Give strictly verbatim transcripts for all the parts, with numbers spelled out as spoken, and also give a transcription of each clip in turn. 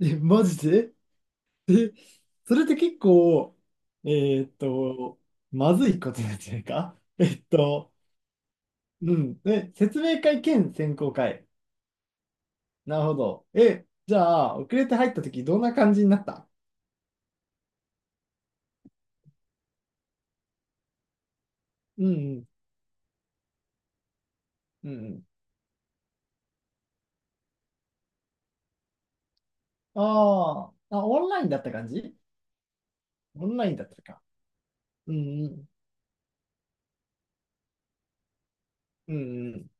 え、マジで？ え、それって結構、えーっと、まずいことなんじゃないか？ えっと、うん。え、説明会兼選考会。なるほど。え、じゃあ、遅れて入った時どんな感じになった？うんうん。うんうん。あーあ、オンラインだった感じ？オンラインだったか。うんうん。うんうん。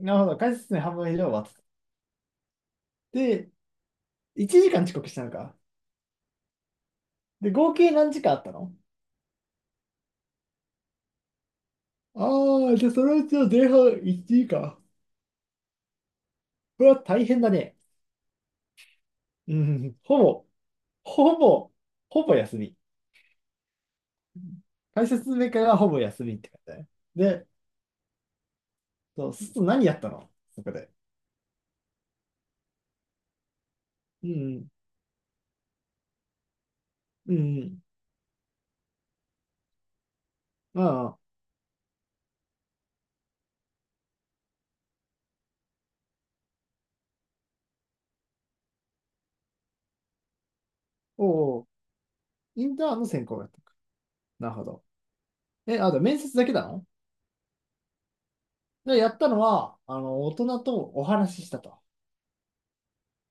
なるほど。解説に半分以上終わってた。で、いちじかん遅刻したのか。で、合計何時間あったの？ああー、じゃあそのうちの前半いちじかん。これは大変だね。うん、ほぼ、ほぼ、ほぼ休み。解説メーカーがほぼ休みって感じだね。で、そうすると何やったの、そこで？うん、うん、うん。ああ、おお。インターンの専攻やったのか。なるほど。え、あと面接だけなので、やったのは、あの、大人とお話ししたと。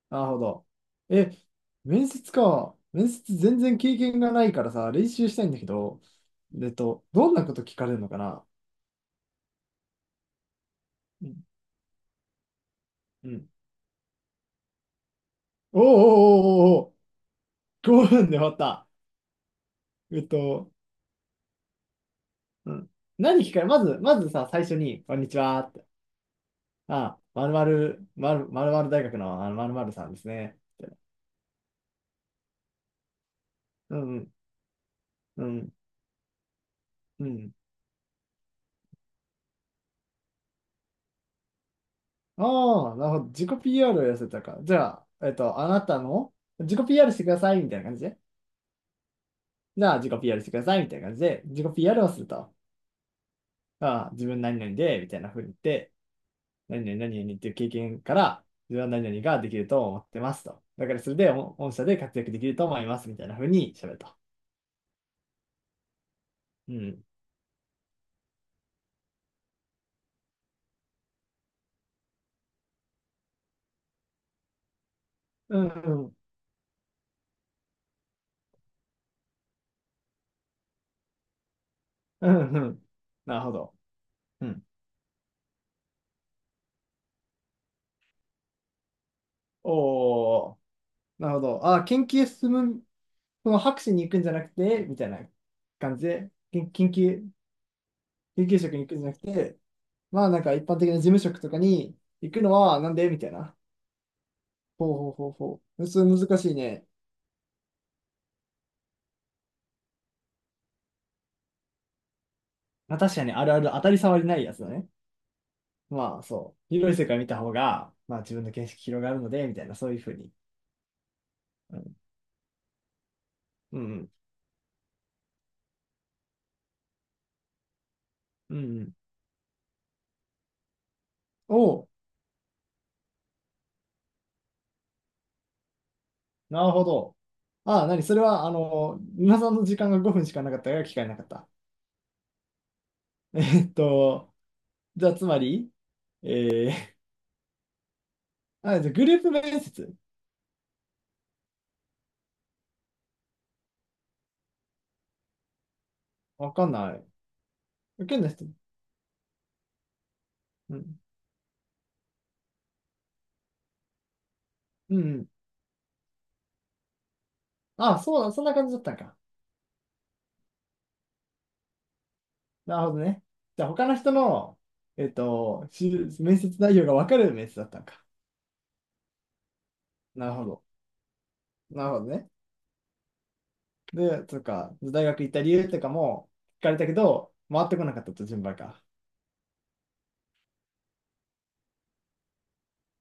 なるほど。え、面接か。面接全然経験がないからさ、練習したいんだけど、えっと、どんなこと聞かれるのかな？うん、うん。おーおーおーおーおー、ごふんで終わった。えっと、うん。何聞かれ、まず、まずさ、最初に、こんにちはって。あ、まるまる、まるまるまる大学のあのまるまるさんですね、みたいな。うん、うん、うん、うん。ああ、なるほど。自己 ピーアール を寄せたか。じゃあ、えっと、あなたの自己 ピーアール してくださいみたいな感じで。じゃあ、自己 ピーアール してくださいみたいな感じで、自己 ピーアール をすると。ああ、自分何々で、みたいな風に言って、何々何々っていう経験から、自分は何々ができると思ってますと。だからそれでお御社で活躍できると思いますみたいな風に喋ると。うん。うん、うん、うん、うん。なるほど。うん。おー、なるほど。あ、研究進む、その博士に行くんじゃなくて、みたいな感じで、研研究、研究職に行くんじゃなくて、まあなんか一般的な事務職とかに行くのはなんでみたいな。ほうほうほうほう。それ難しいね。まあ確かに、あるある、当たり障りないやつだね。まあそう、広い世界見た方が、まあ自分の見識広がるので、みたいな、そういうふうに。うん、うん、うん。うん、おう、なるほど。ああ、なに、それは、あの、皆さんの時間がごふんしかなかったから聞かれなかった。えっと、じゃあつまり、えー、あ、じゃあグループ面接？わかんない。受けんな人。うん、うん、うん。ああ、そうだ、そんな感じだったんか。なるほどね。じゃあ他の人の、えっと、し面接内容がわかる面接だったんか。なるほど。なるほどね。で、とか、大学行った理由とかも聞かれたけど、回ってこなかったと、順番が。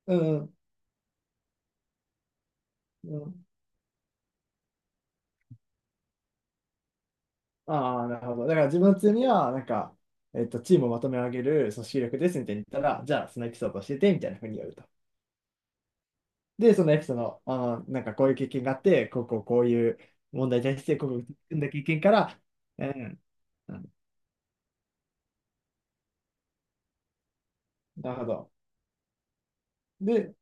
うんうん。ああ、なるほど。だから自分の強みは、なんか、えっと、チームをまとめ上げる組織力ですみたいに言ったら、じゃあ、そのエピソードを教えて、みたいな風に言うと。で、そのエピソード、あーなんかこういう経験があって、こうこうこういう問題に対して、こうこう組んだ経験から、うん、うん、なるほど。で、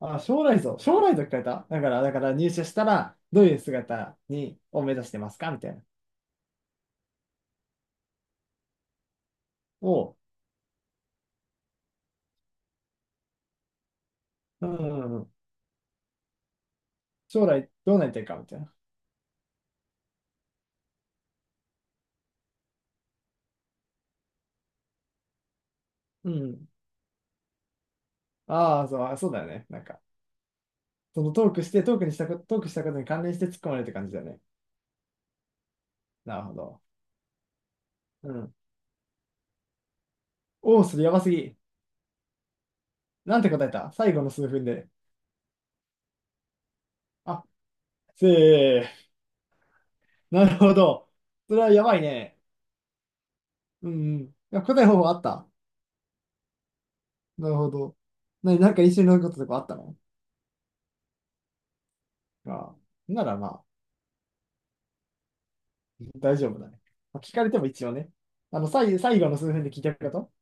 あー、将来像、将来像聞かれた。だから、だから入社したら、どういう姿に、を目指してますかみたいな。を、うん。将来どうなりたいかみたいな。うん。ああ、そう、あそうだよね。なんか、そのトークして、トークにしたこ、トークしたことに関連して突っ込まれるって感じだよね。なるほど。うん。おお、それやばすぎ。なんて答えた最後の数分で。あ、せー。なるほど。それはやばいね。うん、うん。いや、答え方法あった。なるほど。なに、なんか一緒に乗ることとかあったの？ああ。ならまあ、大丈夫だね。まあ聞かれても一応ね。あの、最、最後の数分で聞いたこと。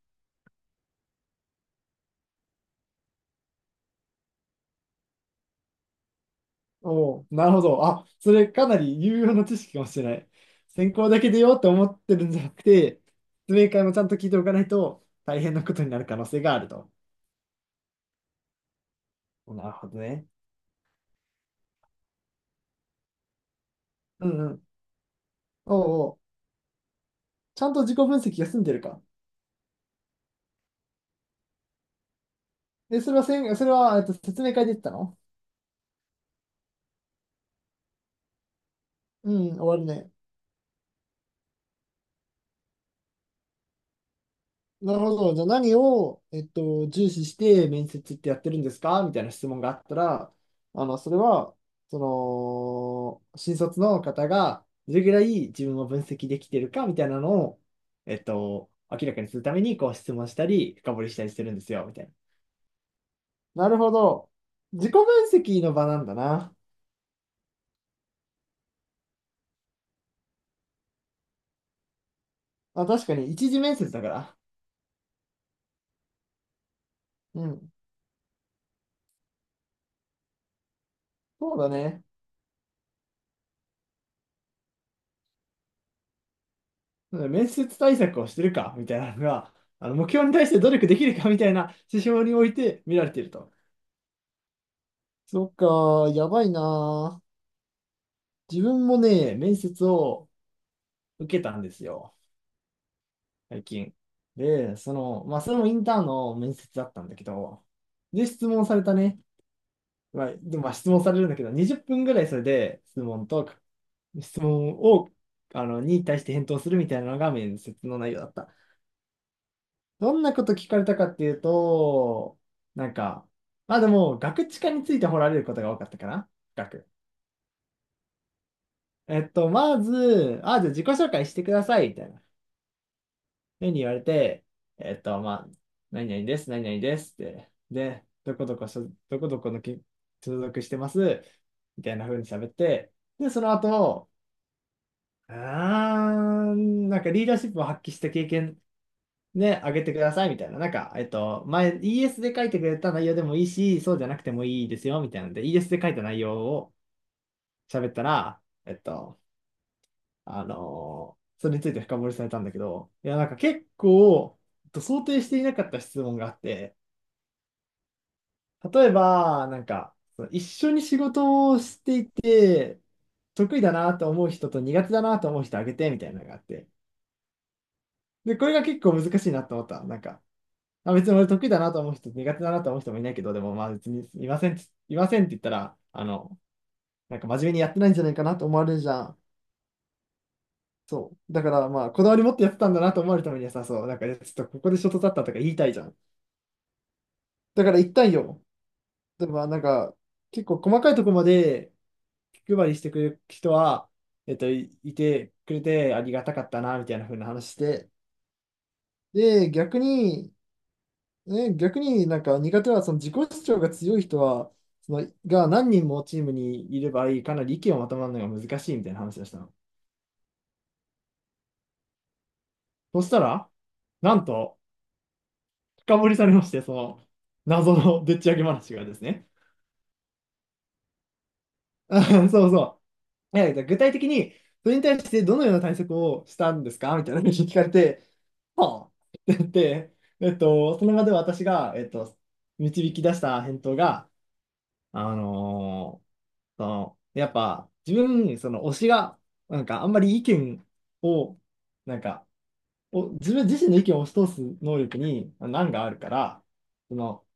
おお、なるほど。あ、それかなり有用な知識かもしれない。専攻だけでよって思ってるんじゃなくて、説明会もちゃんと聞いておかないと大変なことになる可能性があると。なるほどね。うんうん。おうおう、ちゃんと自己分析が済んでるか。え、それはせん、それは、えっと、説明会で言ったの？うん、終わるね。なるほど。じゃあ何を、えっと、重視して面接ってやってるんですかみたいな質問があったら、あの、それは、その、新卒の方がどれぐらい自分を分析できてるかみたいなのを、えっと、明らかにするために、こう質問したり、深掘りしたりしてるんですよ、みたいな。なるほど。自己分析の場なんだな。まあ、確かに、一次面接だから。うん。そうだね。面接対策をしてるかみたいなのが、あの目標に対して努力できるかみたいな指標において見られていると。そっか、やばいな。自分もね、面接を受けたんですよ、最近。で、その、まあ、それもインターンの面接だったんだけど、で、質問されたね。まあ、でもまあ質問されるんだけど、にじゅっぷんぐらいそれで質問と、質問を、あの、に対して返答するみたいなのが面接の内容だった。どんなこと聞かれたかっていうと、なんか、まあでも、ガクチカについて掘られることが多かったかな学。えっと、まず、あ、じゃあ自己紹介してください、みたいな。ふうに言われて、えっと、まあ、何々です、何々ですって。で、どこどこ所、どこどこのき所属してます、みたいな風に喋って、で、その後、あーなんかリーダーシップを発揮した経験ね、あげてくださいみたいな。なんか、えっと、前、イーエス で書いてくれた内容でもいいし、そうじゃなくてもいいですよ、みたいなので、イーエス で書いた内容を喋ったら、えっと、あのーそれについて深掘りされたんだけど、いや、なんか結構、えっと想定していなかった質問があって、例えば、なんか、その一緒に仕事をしていて、得意だなと思う人と苦手だなと思う人あげて、みたいなのがあって。で、これが結構難しいなと思った。なんか、まあ、別に俺得意だなと思う人、苦手だなと思う人もいないけど、でもまあ別にいませんって、いませんって言ったら、あの、なんか真面目にやってないんじゃないかなと思われるじゃん。そう。だからまあ、こだわり持ってやってたんだなと思われるためにはさ、そう、なんかいやちょっとここでショートだったとか言いたいじゃん。だから言ったんよ。でもまあなんか、結構細かいとこまで気配りしてくれる人は、えっと、い、いてくれてありがたかったな、みたいな風な話して。で、逆に、ね、逆になんか苦手はその自己主張が強い人は、そのが何人もチームにいればいい、かなり意見をまとまるのが難しいみたいな話をしたの。そしたら、なんと深掘りされまして、その謎のでっち上げ話がですね。あそうそう。いや、具体的にそれに対してどのような対策をしたんですかみたいな話を聞かれて、はあって言って、えっと、その場で私が、えっと、導き出した返答が、あのーその、やっぱ、自分、その推しが、なんかあんまり意見を、なんか、お、自分自身の意見を押し通す能力に、難があるから、その、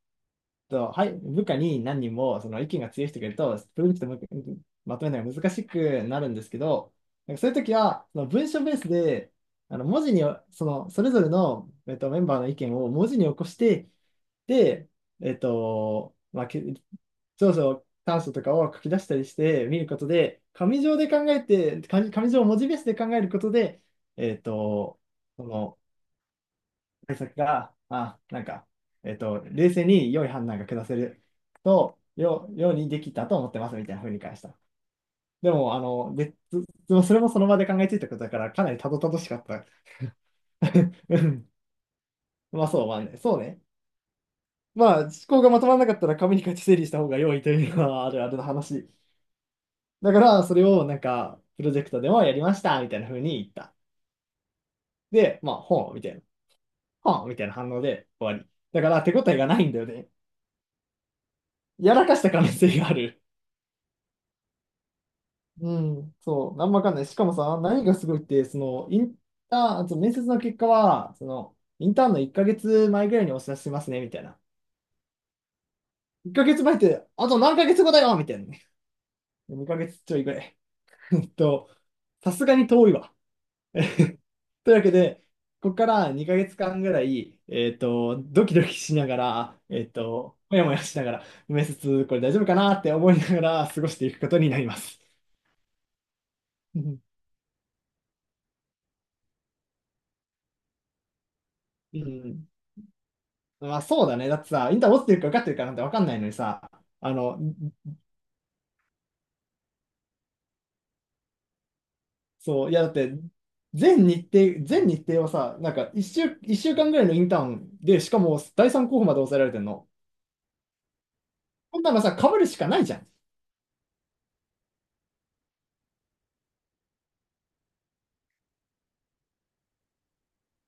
と、はい、部下に何人もその意見が強い人がいると、プロジェクトもまとめるのが難しくなるんですけど、なんかそういう時は、その文章ベースで、あの文字に、その、それぞれの、えっと、メンバーの意見を文字に起こして、で、えっと、まあ、け長所、短所とかを書き出したりして見ることで、紙上で考えて、紙紙上を文字ベースで考えることで、えっと、その、対策が、あ、なんか、えっと、冷静に良い判断が下せると、よ、ようにできたと思ってますみたいな風に返した。でも、あの、で、つそれもその場で考えついたことだから、かなりたどたどしかった。うんまあそう、まあね、そうね。まあ、思考がまとまらなかったら紙に書いて整理した方が良いというのはあるあるの話。だから、それをなんか、プロジェクトでもやりましたみたいな風に言った。で、まあ、ほうみたいな、ほうみたいな反応で終わり。だから、手応えがないんだよね。やらかした可能性がある。うん、そう、なんもわかんない。しかもさ、何がすごいって、その、インターン、あと面接の結果は、その、インターンのいっかげつまえぐらいにお知らせしますね、みたいな。いっかげつまえって、あと何ヶ月後だよみたいなね。ヶ月ちょいぐらい。えっと、さすがに遠いわ。というわけで、ここからにかげつかんぐらい、えっと、ドキドキしながら、えっと、もやもやしながら、面接、これ大丈夫かなって思いながら過ごしていくことになります。うん。うんまあそうだね。だってさ、インター落ちてるか受かってるかなんて分かんないのにさ、あの、そう、いやだって、全日程、全日程をさ、なんかいち週、一週間ぐらいのインターンで、しかもだいさん候補まで抑えられてんの。こんなのさ、被るしかないじゃん。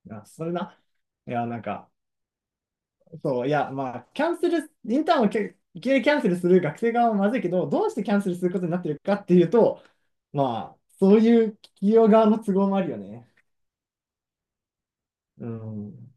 いや、それな。いや、なんか、そう、いや、まあ、キャンセル、インターンをけ受けキャンセルする学生側はまずいけど、どうしてキャンセルすることになってるかっていうと、まあ、そういう企業側の都合もあるよね。うん。